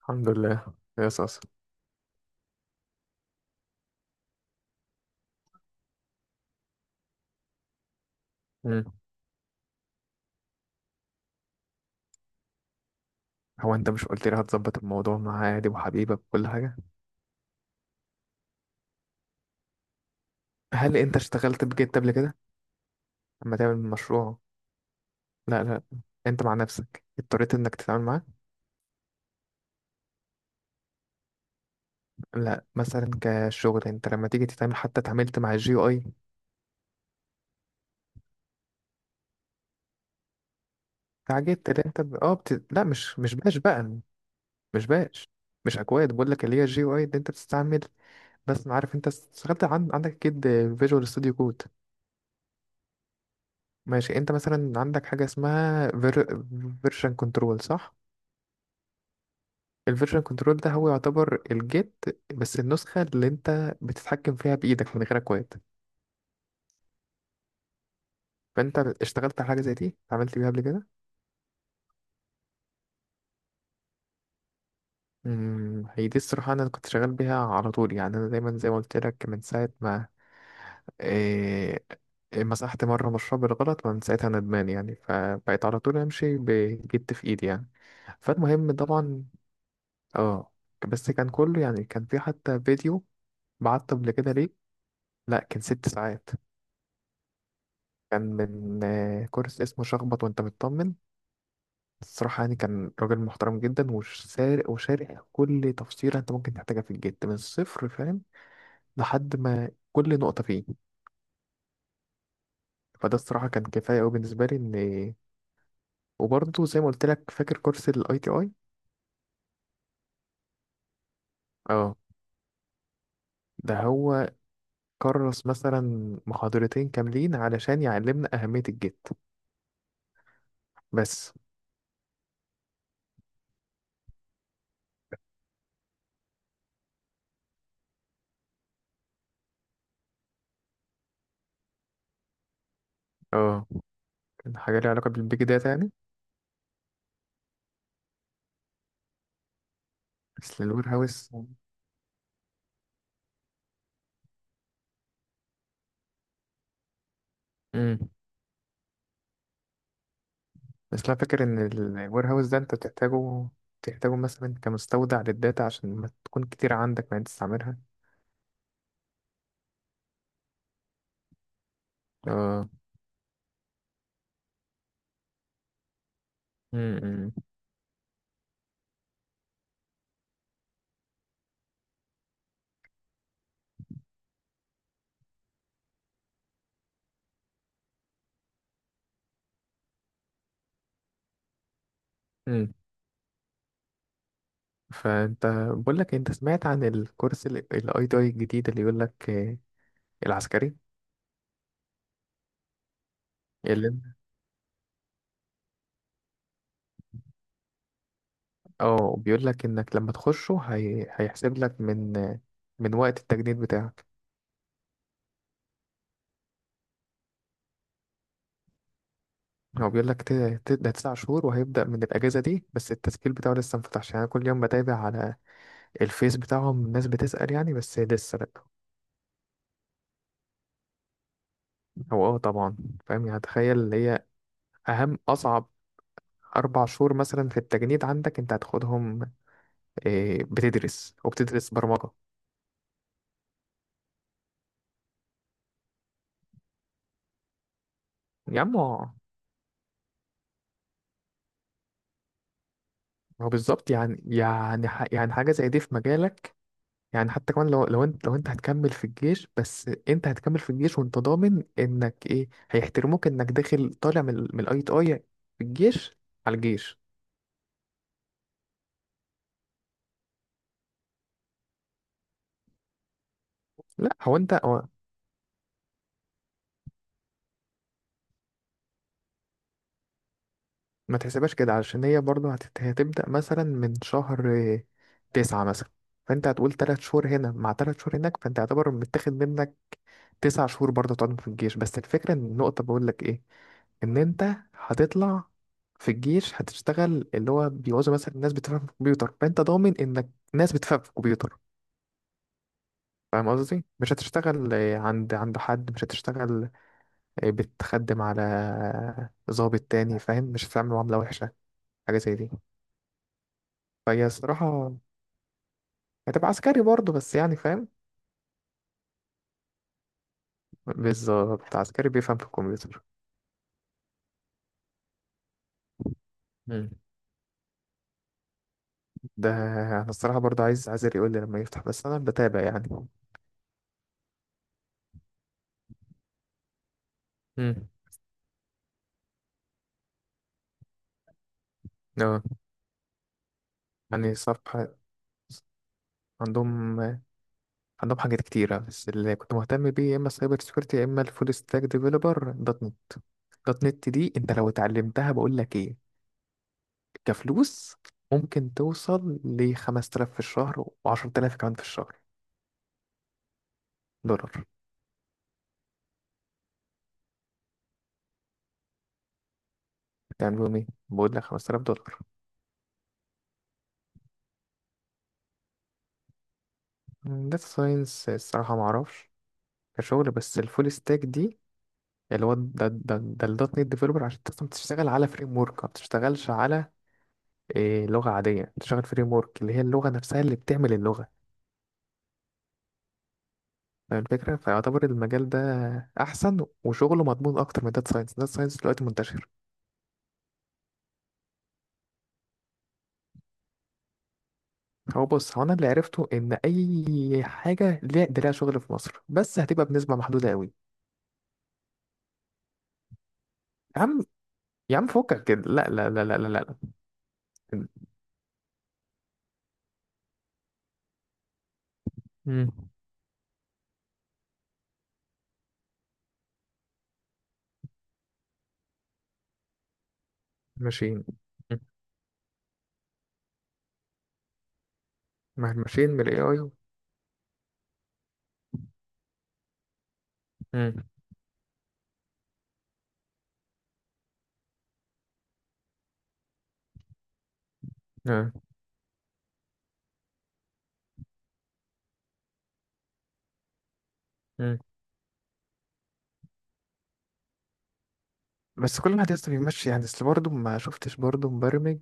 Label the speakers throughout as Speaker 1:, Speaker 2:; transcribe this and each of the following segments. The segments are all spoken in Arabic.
Speaker 1: الحمد لله يا صاصة. مم. هو انت مش قلت لي هتظبط الموضوع مع عادي وحبيبك وكل حاجة؟ هل انت اشتغلت بجد قبل كده؟ اما تعمل مشروع. لا، لا. انت مع نفسك اضطريت انك تتعامل معاه؟ لا، مثلا كشغل انت لما تيجي تتعامل، حتى اتعاملت مع الجي او اي. اتعجبت اللي انت لا، مش باش بقى. مش باش. مش اكواد، بقول لك اللي هي الجي او اي اللي انت بتستعمل. بس ما عارف انت اشتغلت عندك اكيد فيجوال ستوديو كود. ماشي، انت مثلا عندك حاجة اسمها فيرجن كنترول، صح؟ الفيرجن كنترول ده هو يعتبر الجيت، بس النسخة اللي انت بتتحكم فيها بإيدك من غير اكواد. فانت اشتغلت على حاجة زي دي، اتعاملت بيها قبل كده؟ هي دي الصراحة، انا كنت شغال بيها على طول، يعني انا دايما زي ما قلت لك من ساعة ما إيه مسحت مرة مشروع بالغلط، من ساعتها ندمان يعني، فبقيت على طول امشي بجيت في ايدي يعني. فالمهم طبعا. اه، بس كان كله يعني كان في حتى فيديو بعته قبل كده. ليه؟ لا، كان 6 ساعات. كان من كورس اسمه شخبط وانت مطمن. الصراحة يعني كان راجل محترم جدا، وش سارق وشارح كل تفصيلة انت ممكن تحتاجها في الجد من الصفر، فاهم؟ لحد ما كل نقطة فيه. فده الصراحة كان كفاية أوي بالنسبة لي إن. وبرضه زي ما قلت لك، فاكر كورس ال ITI؟ اه، ده هو. كرس مثلا محاضرتين كاملين علشان يعلمنا أهمية الجد. بس، اه، كان حاجة ليها علاقة بالبيج داتا يعني. بس الوير هاوس. مم. بس أنا فاكر إن الوير هاوس ده أنت بتحتاجه، بتحتاجه مثلا كمستودع للداتا عشان ما تكون كتير عندك ما تستعملها. اه. امم. امم. فأنت، بقول لك إيه، أنت سمعت عن الكورس الاي تي اي الجديد؟ اللي يقول لك العسكري. اللي اه بيقول لك إنك لما تخشه هيحسب لك من من وقت التجنيد بتاعك. هو بيقول لك ده 9 شهور، وهيبدأ من الأجازة دي، بس التسجيل بتاعه لسه مفتحش، يعني أنا كل يوم بتابع على الفيس بتاعهم، الناس بتسأل يعني، بس لسه لأ. هو اه طبعا. فاهم يعني؟ تخيل اللي هي اهم اصعب 4 شهور مثلا في التجنيد عندك، انت هتاخدهم بتدرس وبتدرس برمجه. يا عم هو بالظبط، يعني حاجه زي دي في مجالك. يعني حتى كمان لو لو انت هتكمل في الجيش، بس انت هتكمل في الجيش وانت ضامن انك ايه، هيحترموك انك داخل طالع من الاي تي اي في الجيش. على الجيش. لا هو انت هو ما تحسبهاش كده، علشان هي برضو هتبدأ مثلا من شهر تسعة مثلا، فانت هتقول 3 شهور هنا مع 3 شهور هناك، فانت يعتبر متاخد منك 9 شهور برضو تقعدهم في الجيش، بس الفكرة ان النقطة بقول لك ايه، ان انت هتطلع في الجيش، هتشتغل اللي هو بيعوزوا مثلا ناس بتفهم في الكمبيوتر، فانت ضامن انك ناس بتفهم في الكمبيوتر. فاهم قصدي؟ مش هتشتغل عند حد، مش هتشتغل بتخدم على ضابط تاني، فاهم؟ مش هتتعامل معاملة وحشة، حاجة زي دي. فهي الصراحة هتبقى عسكري برضه، بس يعني فاهم. بالظبط، عسكري بيفهم في الكمبيوتر. مم. ده انا الصراحة برضه عايز يقول لي لما يفتح، بس انا بتابع يعني. مم. اه، يعني صفحة عندهم. عندهم حاجات كتيرة، بس اللي كنت مهتم بيه يا اما السايبر سكيورتي يا اما الفول ستاك ديفيلوبر دوت نت. دوت نت دي انت لو اتعلمتها بقول لك ايه، كفلوس ممكن توصل ل 5000 في الشهر و10000 كمان في الشهر. دولار. تعملوا ايه؟ بقول لك $5000. داتا ساينس الصراحة ما اعرفش كشغل، بس الفول ستاك دي، اللي هو ده الدوت نت ديفلوبر، عشان تقدر تشتغل على فريم ورك، ما بتشتغلش على لغة عادية، بتشتغل فريم ورك اللي هي اللغة نفسها اللي بتعمل اللغة. فاهم الفكرة؟ فيعتبر المجال ده أحسن وشغله مضمون أكتر من داتا ساينس. داتا ساينس دلوقتي منتشر. هو بص، هو أنا اللي عرفته إن أي حاجة ليها ده ليها شغل في مصر، بس هتبقى بنسبة محدودة قوي. يا عم، يا عم فكك كده، لا لا لا لا لا لا. مم. ماشيين. مم. ماشيين من ال AI. مم. آه. بس كل واحد يسطا بيمشي يعني، اصل برضه ما شفتش برضه مبرمج.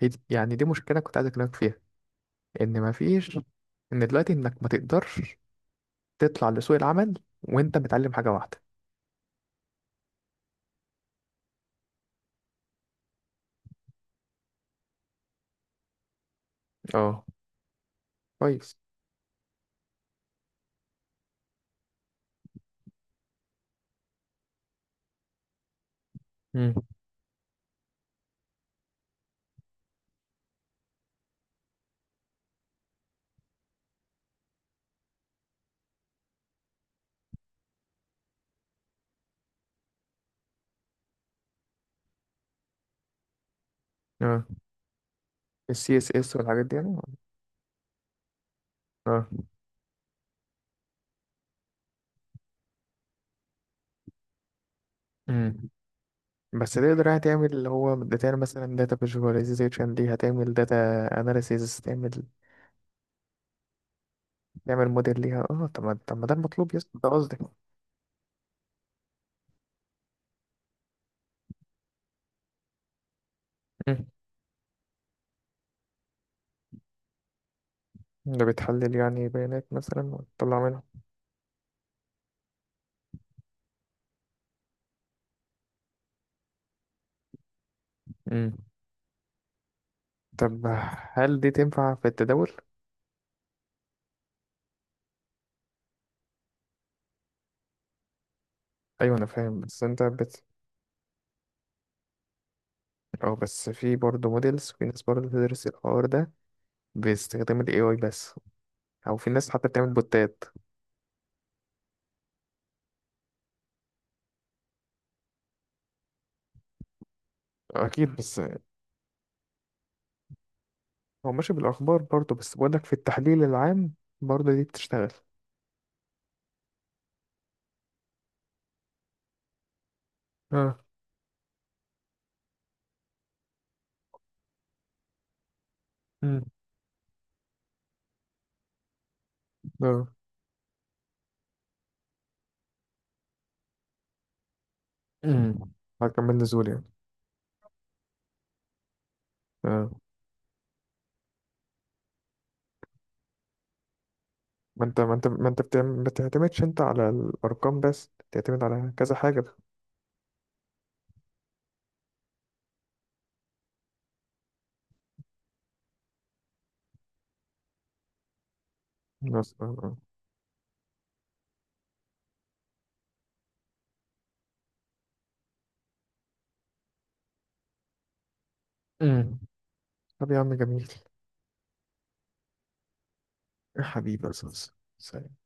Speaker 1: يعني دي مشكلة كنت عايز اكلمك فيها، ان ما فيش، ان دلوقتي انك ما تقدرش تطلع لسوق العمل وانت متعلم حاجة واحدة. اه. كويس. امم. اه، السي اس اس والحاجات دي يعني. اه. امم. بس تقدر يعني تعمل اللي هو تعمل مثلا داتا فيجواليزيشن ليها، تعمل داتا اناليسيز، تعمل موديل ليها؟ اه، طب ما ده المطلوب يا اسطى، ده قصدي. مم. ده بتحلل يعني بيانات مثلا وتطلع منها. طب هل دي تنفع في التداول؟ أيوة أنا فاهم، بس أنت أو بس في برضه موديلز، في ناس برضه بتدرس الحوار ده باستخدام ال AI بس، أو في ناس حتى بتعمل بوتات. أكيد، بس هو ماشي بالأخبار برضه، بس بقولك في التحليل العام برضه دي بتشتغل. اه. امم. اه. امم. هكمل نزول يعني. اه، ما انت ما بتعتمدش انت على الارقام بس، بتعتمد على كذا حاجه مثلا. اه. امم. طب يا عم جميل. يا حبيبي يا أستاذ. سلام.